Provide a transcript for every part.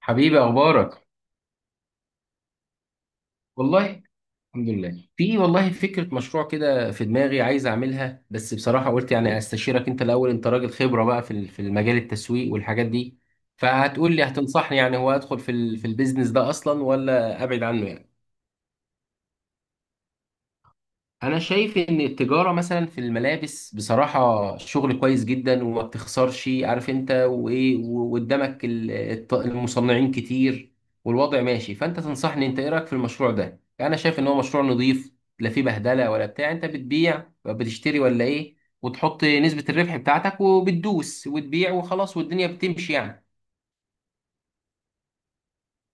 حبيبي، اخبارك؟ والله الحمد لله. في والله فكره مشروع كده في دماغي عايز اعملها، بس بصراحه قلت يعني استشيرك انت الاول. انت راجل خبره بقى في المجال التسويق والحاجات دي، فهتقول لي هتنصحني يعني. هو ادخل في البيزنس ده اصلا ولا ابعد عنه يعني؟ انا شايف ان التجاره مثلا في الملابس بصراحه شغل كويس جدا، وما بتخسرش، عارف انت وايه، وقدامك المصنعين كتير، والوضع ماشي. فانت تنصحني، انت ايه رايك في المشروع ده يعني؟ انا شايف ان هو مشروع نظيف، لا فيه بهدله ولا بتاع. انت بتبيع بتشتري ولا ايه، وتحط نسبه الربح بتاعتك وبتدوس وتبيع وخلاص، والدنيا بتمشي يعني.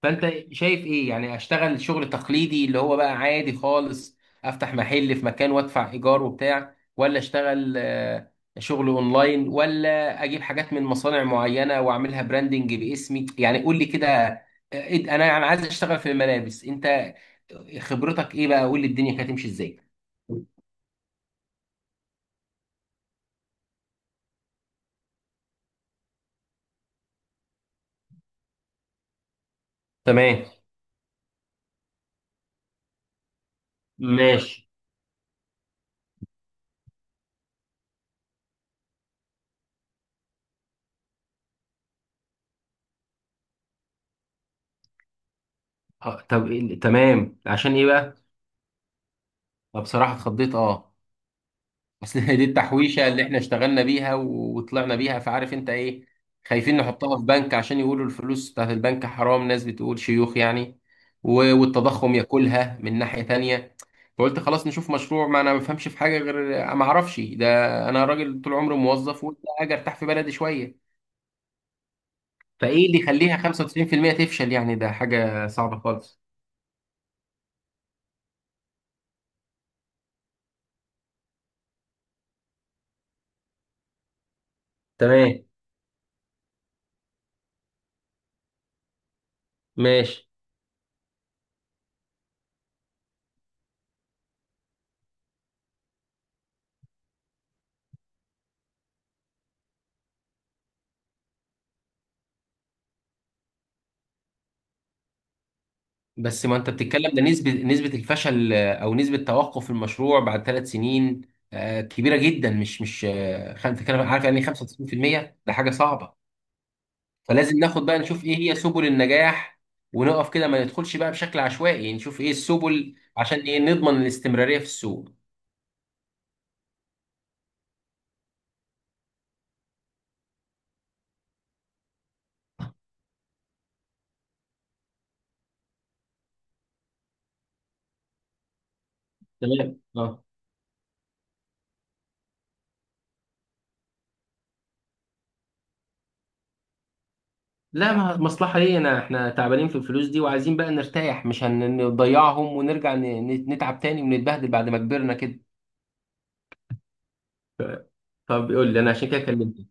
فانت شايف ايه يعني؟ اشتغل شغل تقليدي اللي هو بقى عادي خالص، افتح محل في مكان وادفع ايجار وبتاع، ولا اشتغل شغل اونلاين، ولا اجيب حاجات من مصانع معينة واعملها براندنج باسمي؟ يعني قول لي كده. انا عايز اشتغل في الملابس، انت خبرتك ايه بقى؟ قول لي الدنيا كانت هتمشي ازاي. تمام. ماشي. طب تمام، عشان ايه بقى؟ أنا بصراحة اتخضيت، اه. اصل دي التحويشه اللي احنا اشتغلنا بيها وطلعنا بيها، فعارف انت ايه. خايفين نحطها في بنك عشان يقولوا الفلوس بتاعت البنك حرام، ناس بتقول شيوخ يعني، والتضخم ياكلها من ناحيه تانية. فقلت خلاص نشوف مشروع، ما انا ما بفهمش في حاجه غير ما اعرفش ده. انا راجل طول عمري موظف، وقلت اجي ارتاح في بلدي شويه. فايه اللي يخليها 95% تفشل يعني؟ ده حاجه صعبه خالص. تمام. ماشي. بس ما انت بتتكلم، ده نسبة الفشل او نسبة توقف المشروع بعد 3 سنين. كبيرة جدا، مش بتتكلم، عارف يعني ايه 95%؟ ده حاجة صعبة. فلازم ناخد بقى نشوف ايه هي سبل النجاح، ونقف كده ما ندخلش بقى بشكل عشوائي يعني. نشوف ايه السبل عشان ايه نضمن الاستمرارية في السوق. تمام، اه. لا ما مصلحة ليه، انا احنا تعبانين في الفلوس دي وعايزين بقى نرتاح، مش هنضيعهم ونرجع نتعب تاني ونتبهدل بعد ما كبرنا كده. طب يقول لي انا، عشان كده كلمتك.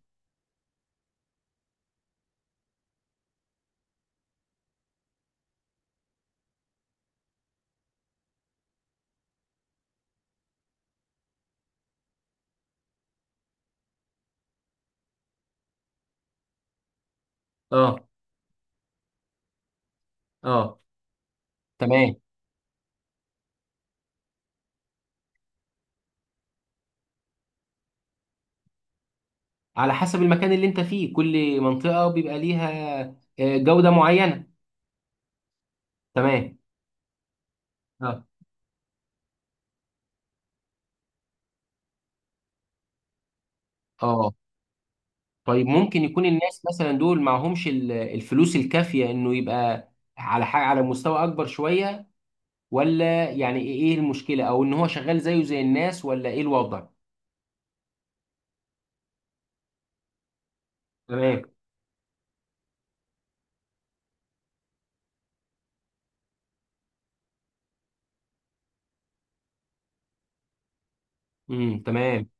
اه. اه. تمام. على حسب المكان اللي انت فيه، كل منطقة بيبقى ليها جودة معينة. تمام، اه. اه. طيب، ممكن يكون الناس مثلا دول معهمش الفلوس الكافية، انه يبقى على حاجة على مستوى اكبر شوية؟ ولا يعني ايه، إيه المشكلة؟ او ان هو شغال زيه زي الناس، ولا ايه الوضع؟ تمام. امم. تمام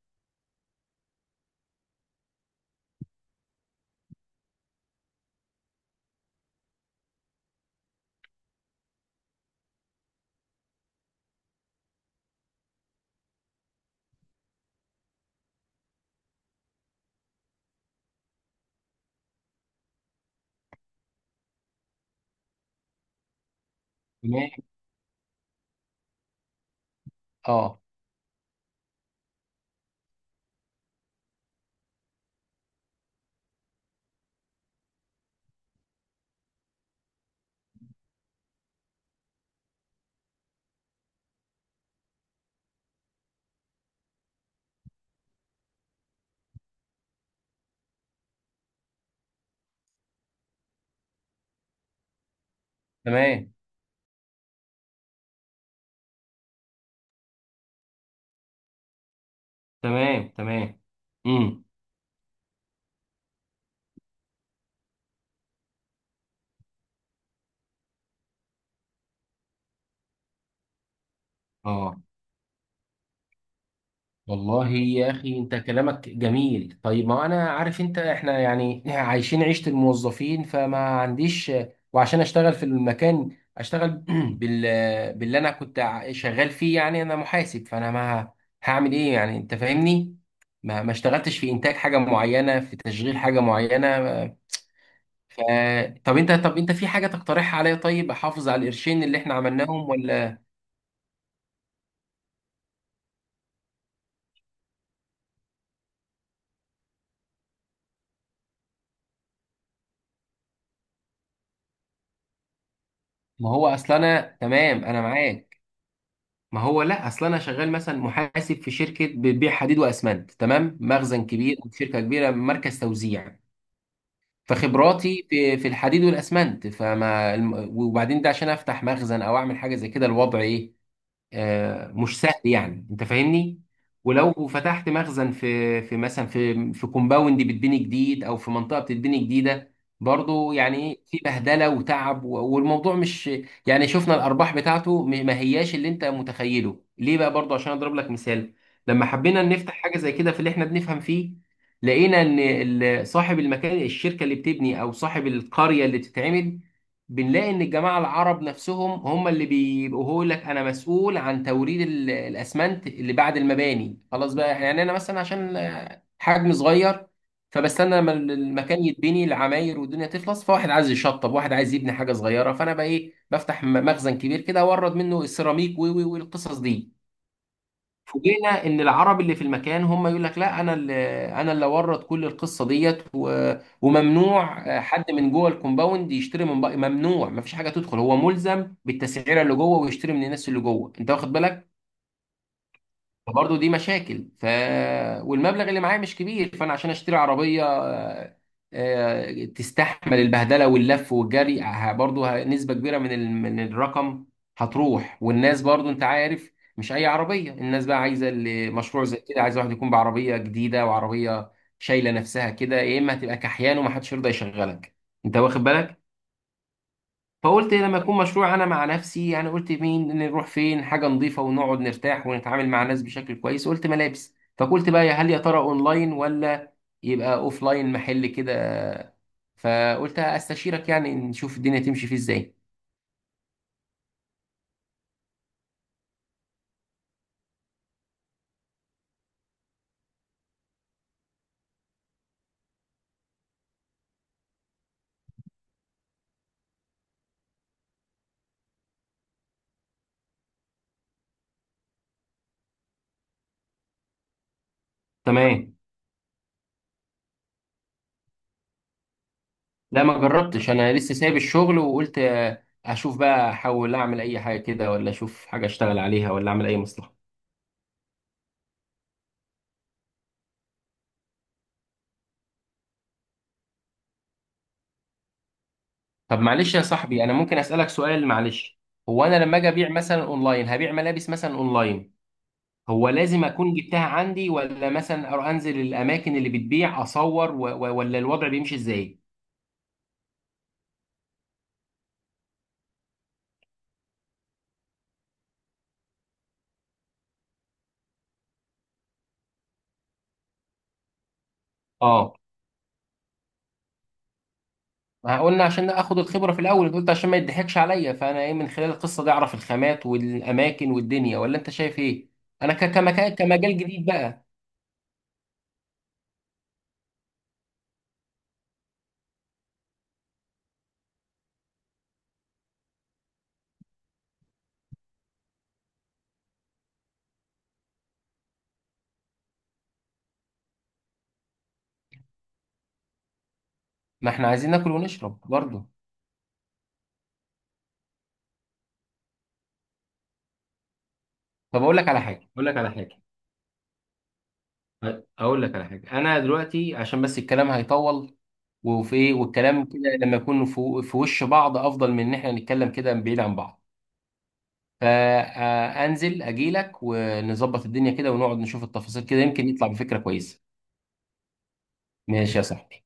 تمام. اه. تمام تمام تمام. امم. اه. والله يا اخي انت كلامك جميل. طيب ما انا عارف، انت احنا يعني عايشين عيشة الموظفين، فما عنديش. وعشان اشتغل في المكان، اشتغل باللي انا كنت شغال فيه يعني، انا محاسب. فانا ما هعمل ايه يعني، انت فاهمني. ما اشتغلتش في انتاج حاجة معينة، في تشغيل حاجة معينة. ف طب انت في حاجة تقترحها عليا، طيب احافظ على القرشين اللي احنا عملناهم ولا؟ ما هو اصل انا تمام، انا معاك. ما هو لا، اصل انا شغال مثلا محاسب في شركه بتبيع حديد واسمنت، تمام، مخزن كبير، شركه كبيره، مركز توزيع. فخبراتي في الحديد والاسمنت. فما وبعدين ده عشان افتح مخزن او اعمل حاجه زي كده، الوضع ايه؟ مش سهل يعني، انت فاهمني. ولو فتحت مخزن في مثلا في كومباوند بتبني جديد، او في منطقه بتتبني جديده، برضو يعني إيه، في بهدله وتعب، والموضوع مش يعني. شفنا الارباح بتاعته، ما هياش اللي انت متخيله ليه بقى. برضو عشان اضرب لك مثال، لما حبينا نفتح حاجه زي كده في اللي احنا بنفهم فيه، لقينا ان صاحب المكان، الشركه اللي بتبني او صاحب القريه اللي بتتعمل، بنلاقي ان الجماعه العرب نفسهم هم اللي بيبقوا، هو يقول لك انا مسؤول عن توريد الاسمنت اللي بعد المباني خلاص بقى يعني، انا مثلا عشان حجم صغير. فبستنى لما المكان يتبني العماير والدنيا تخلص، فواحد عايز يشطب، واحد عايز يبني حاجه صغيره. فانا بقى ايه، بفتح مخزن كبير كده اورد منه السيراميك، والقصص دي. فوجئنا ان العرب اللي في المكان هم يقول لك لا، انا اللي ورط كل القصه ديت، وممنوع حد من جوه الكومباوند يشتري من بقى، ممنوع ما فيش حاجه تدخل، هو ملزم بالتسعيره اللي جوه ويشتري من الناس اللي جوه، انت واخد بالك. فبرضه دي مشاكل. والمبلغ اللي معايا مش كبير، فانا عشان اشتري عربيه تستحمل البهدله واللف والجري، برضه نسبه كبيره من من الرقم هتروح. والناس برضه، انت عارف، مش اي عربيه، الناس بقى عايزه، مشروع زي كده عايز واحد يكون بعربيه جديده، وعربيه شايله نفسها كده، يا اما هتبقى كحيان ومحدش يرضى يشغلك، انت واخد بالك. فقلت لما يكون مشروع انا مع نفسي يعني، قلت مين، نروح فين حاجه نظيفه ونقعد نرتاح ونتعامل مع الناس بشكل كويس. قلت ملابس. فقلت بقى يا هل يا ترى اونلاين، ولا يبقى اوفلاين محل كده. فقلت استشيرك يعني نشوف الدنيا تمشي فيه ازاي. تمام. لا ما جربتش، انا لسه سايب الشغل، وقلت اشوف بقى، احاول اعمل اي حاجه كده، ولا اشوف حاجه اشتغل عليها، ولا اعمل اي مصلحه. طب معلش يا صاحبي، انا ممكن اسالك سؤال معلش؟ هو انا لما اجي ابيع مثلا اونلاين، هبيع ملابس مثلا اونلاين، هو لازم اكون جبتها عندي، ولا مثلا أروح انزل الاماكن اللي بتبيع اصور، ولا الوضع بيمشي ازاي؟ اه. ما قلنا عشان اخد الخبره في الاول، قلت عشان ما يضحكش عليا، فانا ايه، من خلال القصه دي اعرف الخامات والاماكن والدنيا، ولا انت شايف ايه؟ انا كمكان، كمجال جديد بقى. ما احنا عايزين ناكل ونشرب برضه. طب اقول لك على حاجه انا دلوقتي عشان بس الكلام هيطول، وفي ايه، والكلام كده لما يكون في، في وش بعض افضل من ان احنا نتكلم كده بعيد عن بعض. فانزل اجي لك ونظبط الدنيا كده ونقعد نشوف التفاصيل كده، يمكن يطلع بفكرة كويسة. ماشي يا صاحبي.